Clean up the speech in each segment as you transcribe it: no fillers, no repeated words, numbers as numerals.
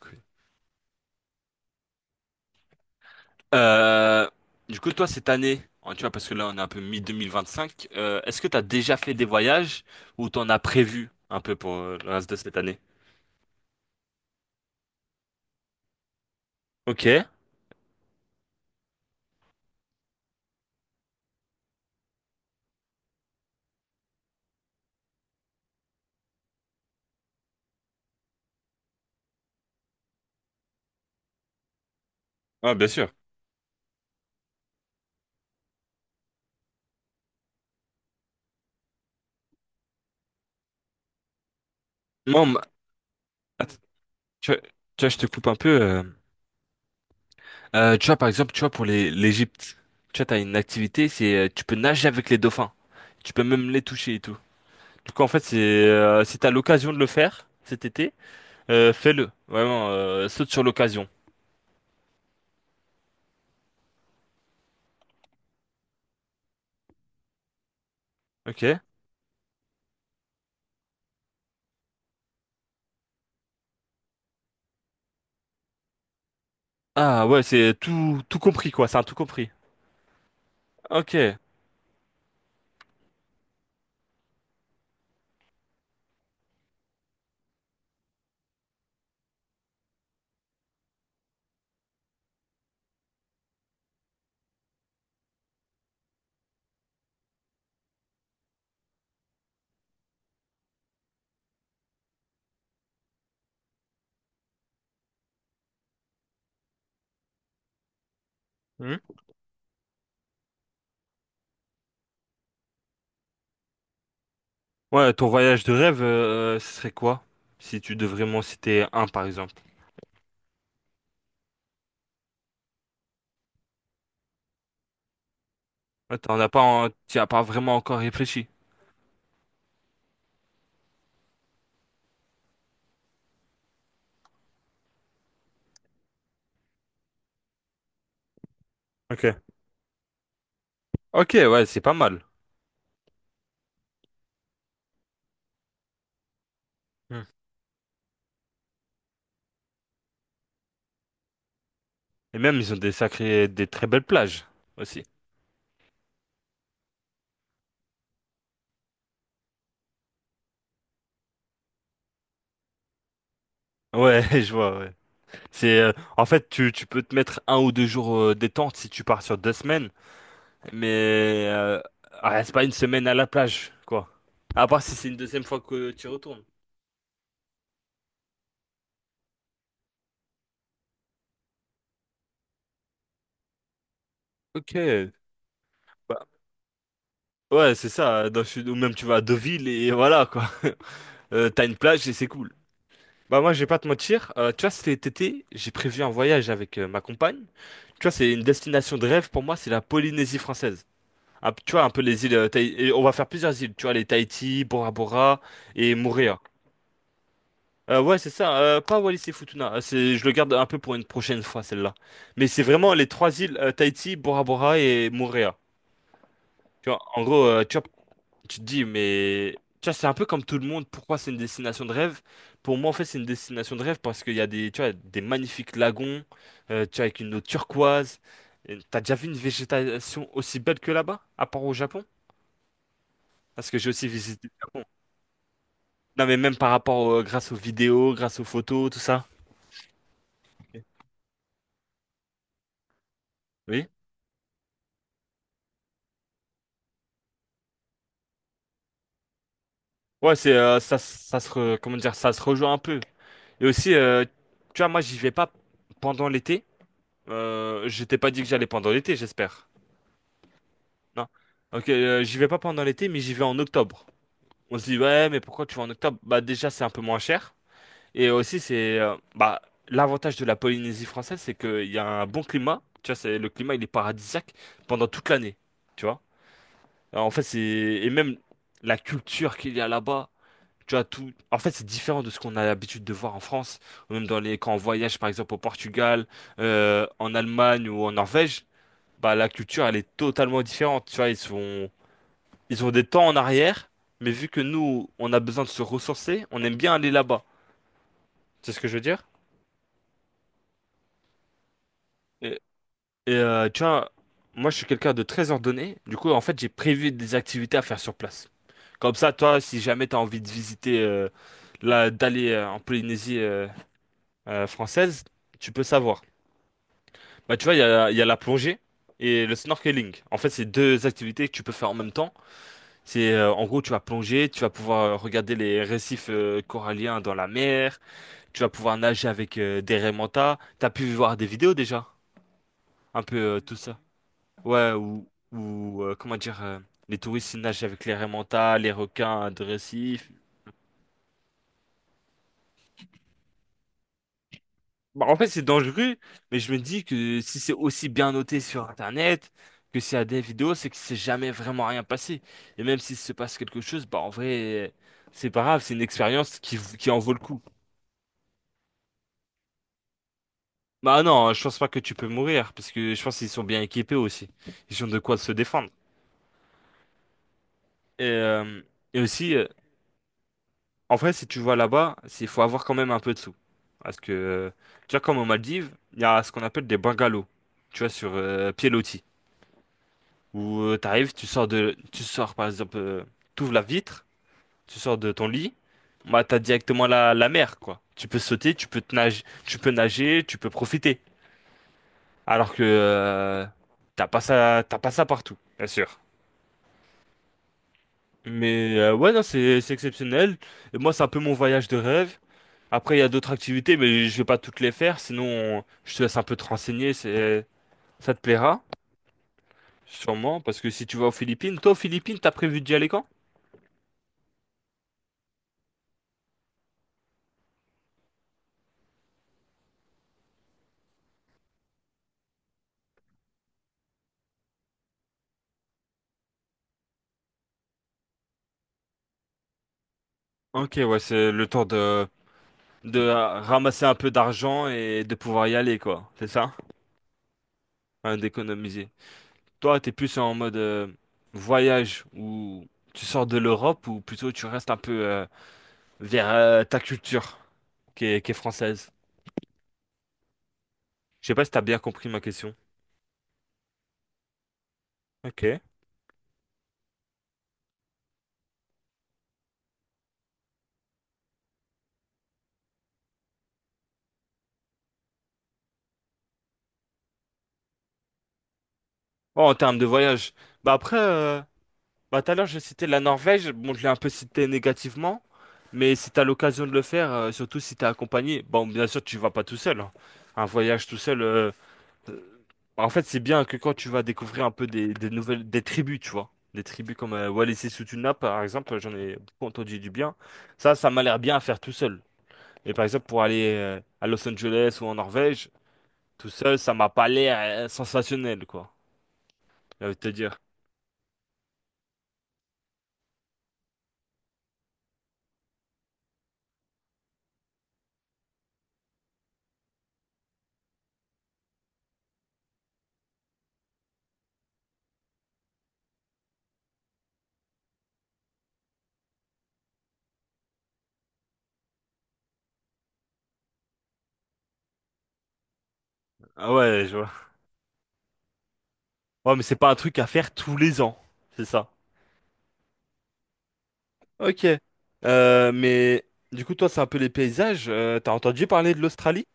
Cool. Euh, du coup, toi, cette année, hein, tu vois, parce que là, on est un peu mi-2025, 2025, est-ce que tu as déjà fait des voyages ou t'en as prévu un peu pour le reste de cette année? Ok. Ouais, bien sûr. Moi, ma- Att- tu vois, tu vois, je te coupe un peu. Tu vois, par exemple, tu vois, pour les l'Égypte, tu vois, t'as une activité, c'est tu peux nager avec les dauphins. Tu peux même les toucher et tout. Du coup, en fait, c'est si t'as l'occasion de le faire cet été, fais-le. Vraiment, saute sur l'occasion. Ok. Ah ouais, c'est tout, tout compris quoi, c'est un tout compris. Ok. Hmm. Ouais, ton voyage de rêve, ce serait quoi? Si tu devrais m'en citer un par exemple. Ouais, t'en as pas, t'y as pas vraiment encore réfléchi. Ok. Ok, ouais, c'est pas mal. Hmm. Et même ils ont des sacrés, des très belles plages aussi. Ouais, je vois. Ouais. C'est, en fait, tu peux te mettre 1 ou 2 jours détente si tu pars sur 2 semaines, mais ah, reste pas une semaine à la plage, quoi. À part si c'est une deuxième fois que tu retournes. Ok. Bah, ouais, c'est ça, dans le sud, ou même tu vas à Deauville et voilà quoi. T'as une plage et c'est cool. Bah moi, je vais pas te mentir, tu vois, cet été, j'ai prévu un voyage avec ma compagne. Tu vois, c'est une destination de rêve pour moi, c'est la Polynésie française. Un p- tu vois, un peu les îles, et on va faire plusieurs îles, tu vois, les Tahiti, Bora Bora et Moorea. Ouais, c'est ça, pas Wallis et Futuna, c'est, je le garde un peu pour une prochaine fois, celle-là. Mais c'est vraiment les trois îles, Tahiti, Bora Bora et Moorea. Tu vois, en gros, tu vois, tu te dis, mais tu vois, c'est un peu comme tout le monde. Pourquoi c'est une destination de rêve? Pour moi, en fait, c'est une destination de rêve parce qu'il y a des, tu vois, des magnifiques lagons, tu vois, avec une eau turquoise. Et t'as déjà vu une végétation aussi belle que là-bas, à part au Japon? Parce que j'ai aussi visité le Japon. Non, mais même par rapport, grâce aux vidéos, grâce aux photos, tout ça. Ok. Oui. Ouais, c'est, comment dire, ça se rejoint un peu. Et aussi, tu vois, moi, j'y vais pas pendant l'été. Je t'ai pas dit que j'allais pendant l'été, j'espère. Non. Ok, j'y vais pas pendant l'été, mais j'y vais en octobre. On se dit, ouais, mais pourquoi tu vas en octobre? Bah déjà, c'est un peu moins cher. Et aussi, bah, l'avantage de la Polynésie française, c'est qu'il y a un bon climat. Tu vois, le climat, il est paradisiaque pendant toute l'année. Tu vois? Alors, en fait, et même la culture qu'il y a là-bas. Tu vois, en fait, c'est différent de ce qu'on a l'habitude de voir en France. Ou même quand on voyage, par exemple, au Portugal, en Allemagne ou en Norvège. Bah, la culture, elle est totalement différente. Tu vois, ils ont des temps en arrière, mais vu que nous, on a besoin de se ressourcer, on aime bien aller là-bas. C'est ce que je veux dire? Et, et, tu vois, moi, je suis quelqu'un de très ordonné. Du coup, en fait, j'ai prévu des activités à faire sur place. Comme ça, toi, si jamais t'as envie de visiter, là, d'aller en Polynésie française, tu peux savoir. Bah, tu vois, il y a la plongée et le snorkeling. En fait, c'est deux activités que tu peux faire en même temps. C'est, en gros, tu vas plonger, tu vas pouvoir regarder les récifs coralliens dans la mer. Tu vas pouvoir nager avec des raimentas. T'as pu voir des vidéos déjà? Un peu tout ça. Ouais, ou comment dire, les touristes ils nagent avec les raimentas, les requins de récif. Bah, en fait, c'est dangereux, mais je me dis que si c'est aussi bien noté sur Internet, que s'il y a des vidéos, c'est que c'est jamais vraiment rien passé. Et même s'il se passe quelque chose, bah en vrai, c'est pas grave, c'est une expérience qui en vaut le coup. Bah non, je pense pas que tu peux mourir, parce que je pense qu'ils sont bien équipés aussi. Ils ont de quoi se défendre. Et, euh, et aussi, en vrai, si tu vas là-bas, il faut avoir quand même un peu de sous. Parce que, tu vois, comme aux Maldives, il y a ce qu'on appelle des bungalows, tu vois, sur pied loti. Où t'arrives, tu sors par exemple, t'ouvres la vitre, tu sors de ton lit, bah t'as directement la mer, quoi. Tu peux sauter, tu peux nager, tu peux profiter. Alors que t'as pas ça partout, bien sûr. Mais ouais, non, c'est exceptionnel. Et moi, c'est un peu mon voyage de rêve. Après, il y a d'autres activités, mais je vais pas toutes les faire, sinon je te laisse un peu te renseigner, ça te plaira, sûrement, parce que si tu vas aux Philippines, toi aux Philippines, t'as prévu d'y aller quand? Ok, ouais, c'est le temps de ramasser un peu d'argent et de pouvoir y aller, quoi, c'est ça? Hein, d'économiser. Toi, t'es plus en mode voyage, où tu sors de l'Europe, ou plutôt tu restes un peu vers ta culture, qui est française. Je sais pas si t'as bien compris ma question. Ok. Oh, en termes de voyage. Bah après... euh, Bah, tout à l'heure, je citais la Norvège. Bon, je l'ai un peu cité négativement. Mais si t'as l'occasion de le faire, surtout si t'es accompagné, bon, bien sûr, tu vas pas tout seul, hein. Un voyage tout seul, euh, en fait, c'est bien que quand tu vas découvrir un peu des nouvelles, des tribus, tu vois. Des tribus comme Wallis et Futuna, par exemple, j'en ai beaucoup entendu du bien. Ça m'a l'air bien à faire tout seul. Et par exemple, pour aller à Los Angeles ou en Norvège, tout seul, ça m'a pas l'air sensationnel, quoi. J'ai envie de te dire. Ah ouais, je vois. Ouais, mais c'est pas un truc à faire tous les ans. C'est ça. Ok. Mais du coup, toi, c'est un peu les paysages. T'as entendu parler de l'Australie?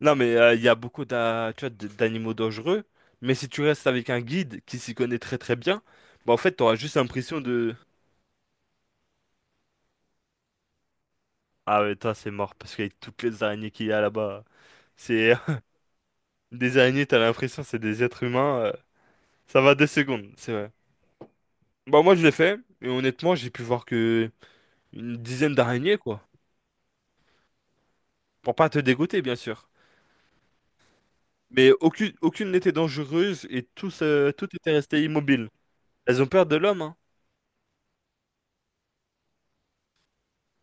Non, mais il y a beaucoup tu vois, d'animaux dangereux. Mais si tu restes avec un guide qui s'y connaît très très bien, bah en fait, t'auras juste l'impression. Ah ouais, toi, c'est mort, parce qu'avec toutes les araignées qu'il y a là-bas, c'est... Des araignées, t'as l'impression c'est des êtres humains. Ça va deux secondes, c'est vrai. Bah moi, je l'ai fait, et honnêtement, j'ai pu voir que une dizaine d'araignées, quoi. Pour pas te dégoûter, bien sûr. Mais aucune, aucune n'était dangereuse et tout était resté immobile. Elles ont peur de l'homme, hein.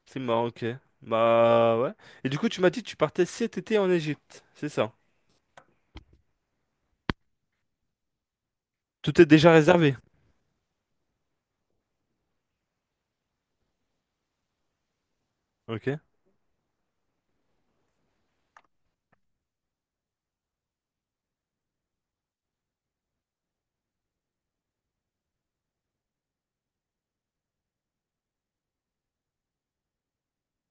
C'est marrant, ok. Bah ouais. Et du coup, tu m'as dit que tu partais cet été en Égypte, c'est ça? Tout est déjà réservé. Ok.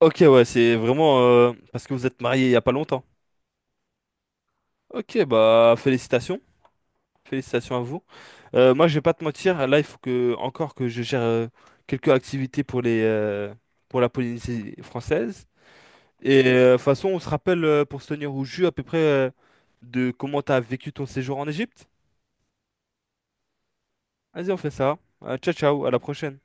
Ok, ouais, c'est vraiment parce que vous êtes mariés il y a pas longtemps. Ok, bah félicitations, félicitations à vous. Moi, je vais pas te mentir, là, il faut que encore que je gère quelques activités pour les pour la Polynésie française. Et de toute façon, on se rappelle pour se tenir au jus à peu près de comment tu as vécu ton séjour en Égypte. Vas-y, on fait ça. Ciao, ciao, à la prochaine.